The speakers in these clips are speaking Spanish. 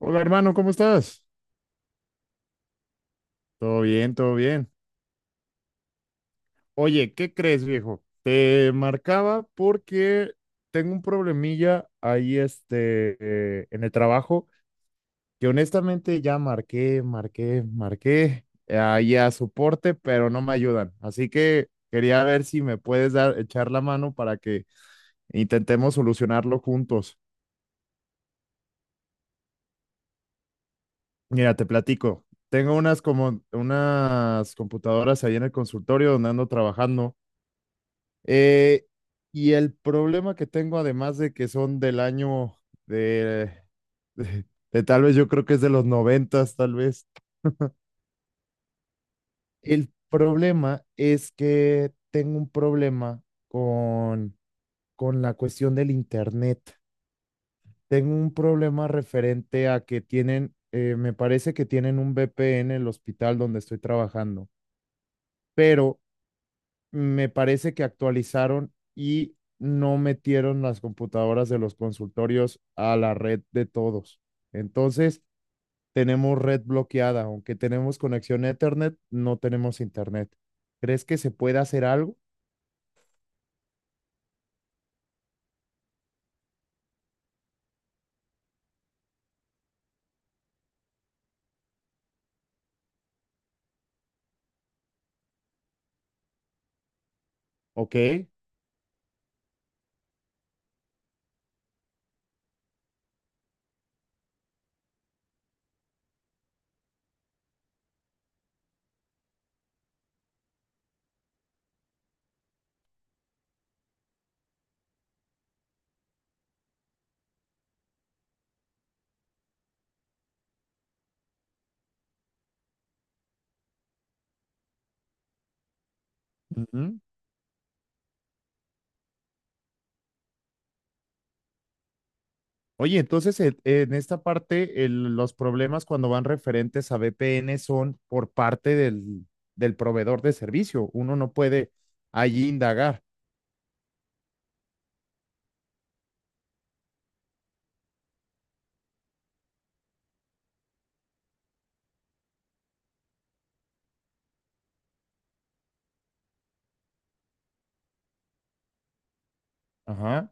Hola hermano, ¿cómo estás? Todo bien, todo bien. Oye, ¿qué crees, viejo? Te marcaba porque tengo un problemilla ahí en el trabajo que honestamente ya marqué ahí a soporte, pero no me ayudan. Así que quería ver si me puedes dar, echar la mano para que intentemos solucionarlo juntos. Mira, te platico. Tengo unas como unas computadoras ahí en el consultorio donde ando trabajando. Eh, y el problema que tengo, además de que son del año de, de- de tal vez yo creo que es de los noventas, tal vez, el problema es que tengo un problema con la cuestión del internet. Tengo un problema referente a que tienen, me parece que tienen un VPN en el hospital donde estoy trabajando, pero me parece que actualizaron y no metieron las computadoras de los consultorios a la red de todos. Entonces, tenemos red bloqueada, aunque tenemos conexión a Ethernet, no tenemos Internet. ¿Crees que se puede hacer algo? Ok. Ujú. Oye, entonces en esta parte los problemas cuando van referentes a VPN son por parte del proveedor de servicio. Uno no puede allí indagar. Ajá,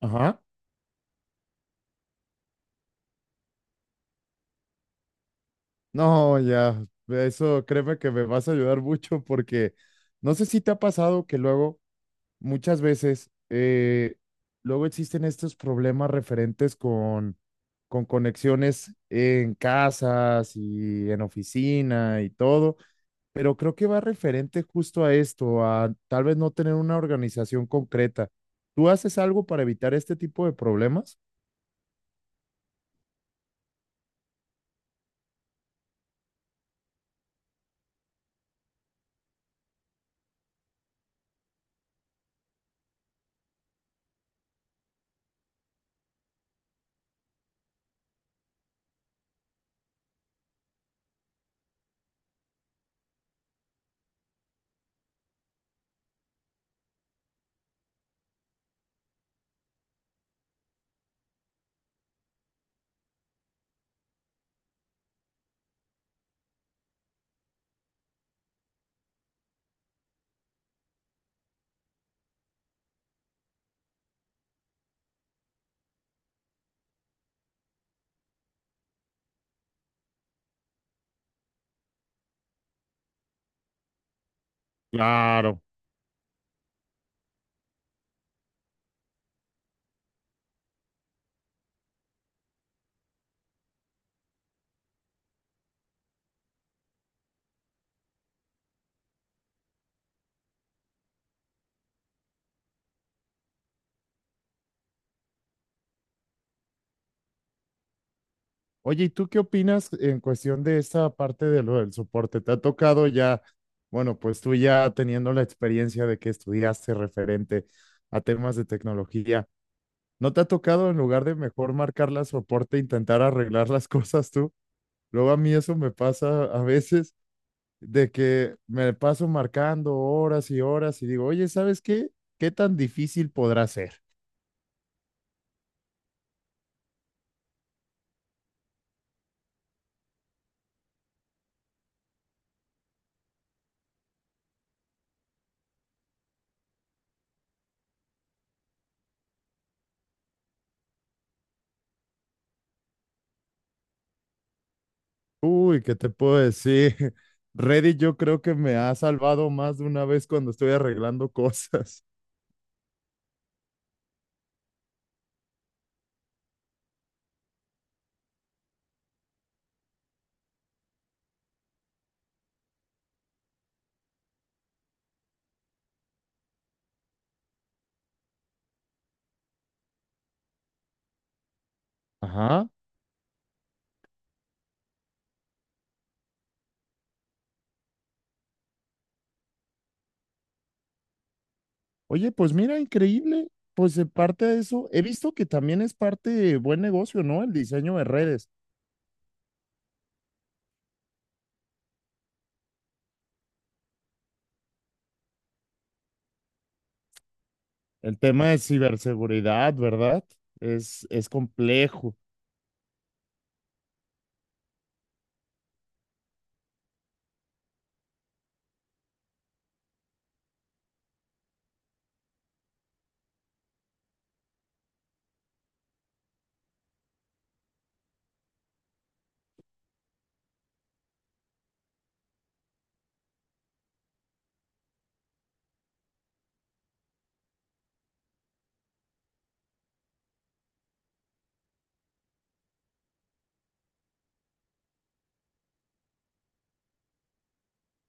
ajá. No, ya, eso créeme que me vas a ayudar mucho porque no sé si te ha pasado que luego, muchas veces, luego existen estos problemas referentes con conexiones en casas y en oficina y todo, pero creo que va referente justo a esto, a tal vez no tener una organización concreta. ¿Tú haces algo para evitar este tipo de problemas? Claro. Oye, ¿y tú qué opinas en cuestión de esta parte de lo del soporte? ¿Te ha tocado ya, bueno, pues tú ya teniendo la experiencia de que estudiaste referente a temas de tecnología, ¿no te ha tocado en lugar de mejor marcar la soporte, intentar arreglar las cosas tú? Luego a mí eso me pasa a veces de que me paso marcando horas y horas y digo, oye, ¿sabes qué? ¿Qué tan difícil podrá ser? Uy, ¿qué te puedo decir? Reddit yo creo que me ha salvado más de una vez cuando estoy arreglando cosas. Ajá. Oye, pues mira, increíble. Pues en parte de eso, he visto que también es parte de buen negocio, ¿no? El diseño de redes. El tema de ciberseguridad, ¿verdad? Es complejo.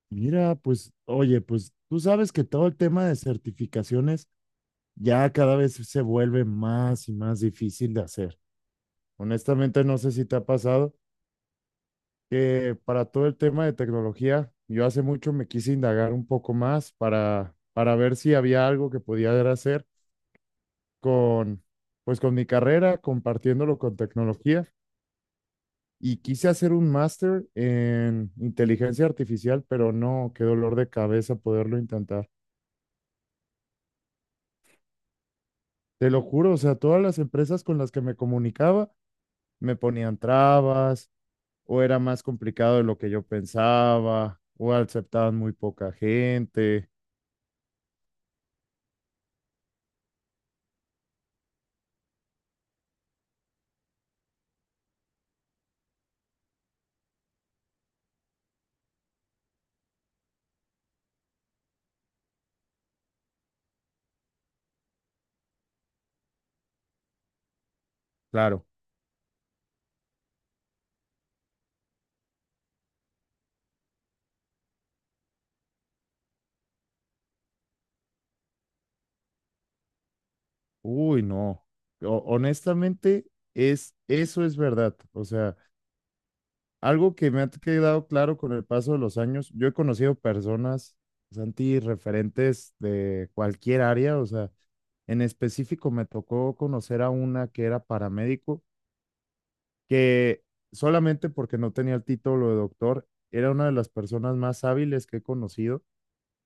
Mira, pues, oye, pues tú sabes que todo el tema de certificaciones ya cada vez se vuelve más y más difícil de hacer. Honestamente, no sé si te ha pasado que para todo el tema de tecnología, yo hace mucho me quise indagar un poco más para ver si había algo que podía hacer con, pues con mi carrera, compartiéndolo con tecnología. Y quise hacer un máster en inteligencia artificial, pero no, qué dolor de cabeza poderlo intentar. Te lo juro, o sea, todas las empresas con las que me comunicaba me ponían trabas o era más complicado de lo que yo pensaba o aceptaban muy poca gente. Claro. Uy, no. Honestamente, es, eso es verdad. O sea, algo que me ha quedado claro con el paso de los años, yo he conocido personas, Santi, referentes de cualquier área. O sea, en específico me tocó conocer a una que era paramédico, que solamente porque no tenía el título de doctor, era una de las personas más hábiles que he conocido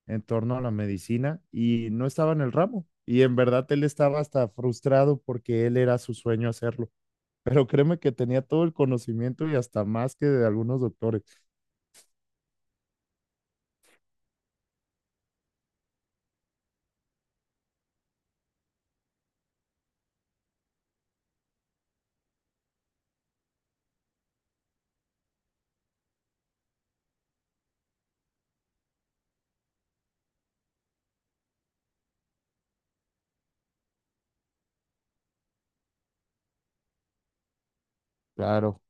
en torno a la medicina y no estaba en el ramo. Y en verdad él estaba hasta frustrado porque él era su sueño hacerlo. Pero créeme que tenía todo el conocimiento y hasta más que de algunos doctores. Claro,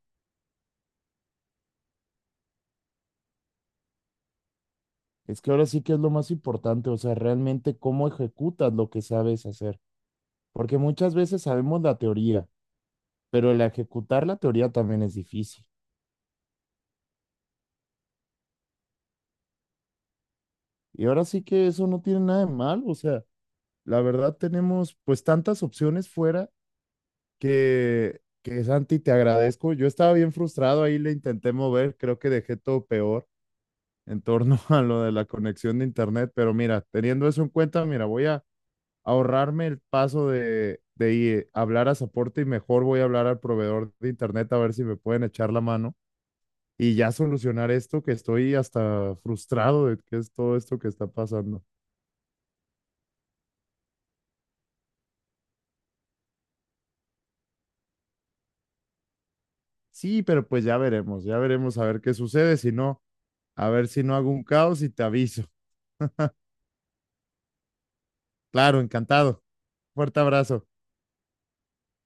es que ahora sí que es lo más importante, o sea, realmente cómo ejecutas lo que sabes hacer. Porque muchas veces sabemos la teoría, pero el ejecutar la teoría también es difícil. Y ahora sí que eso no tiene nada de mal, o sea, la verdad tenemos pues tantas opciones fuera que Santi, te agradezco. Yo estaba bien frustrado, ahí le intenté mover, creo que dejé todo peor en torno a lo de la conexión de internet, pero mira, teniendo eso en cuenta, mira, voy a ahorrarme el paso a hablar a soporte y mejor voy a hablar al proveedor de internet a ver si me pueden echar la mano y ya solucionar esto que estoy hasta frustrado de que es todo esto que está pasando. Sí, pero pues ya veremos a ver qué sucede, si no, a ver si no hago un caos y te aviso. Claro, encantado. Fuerte abrazo.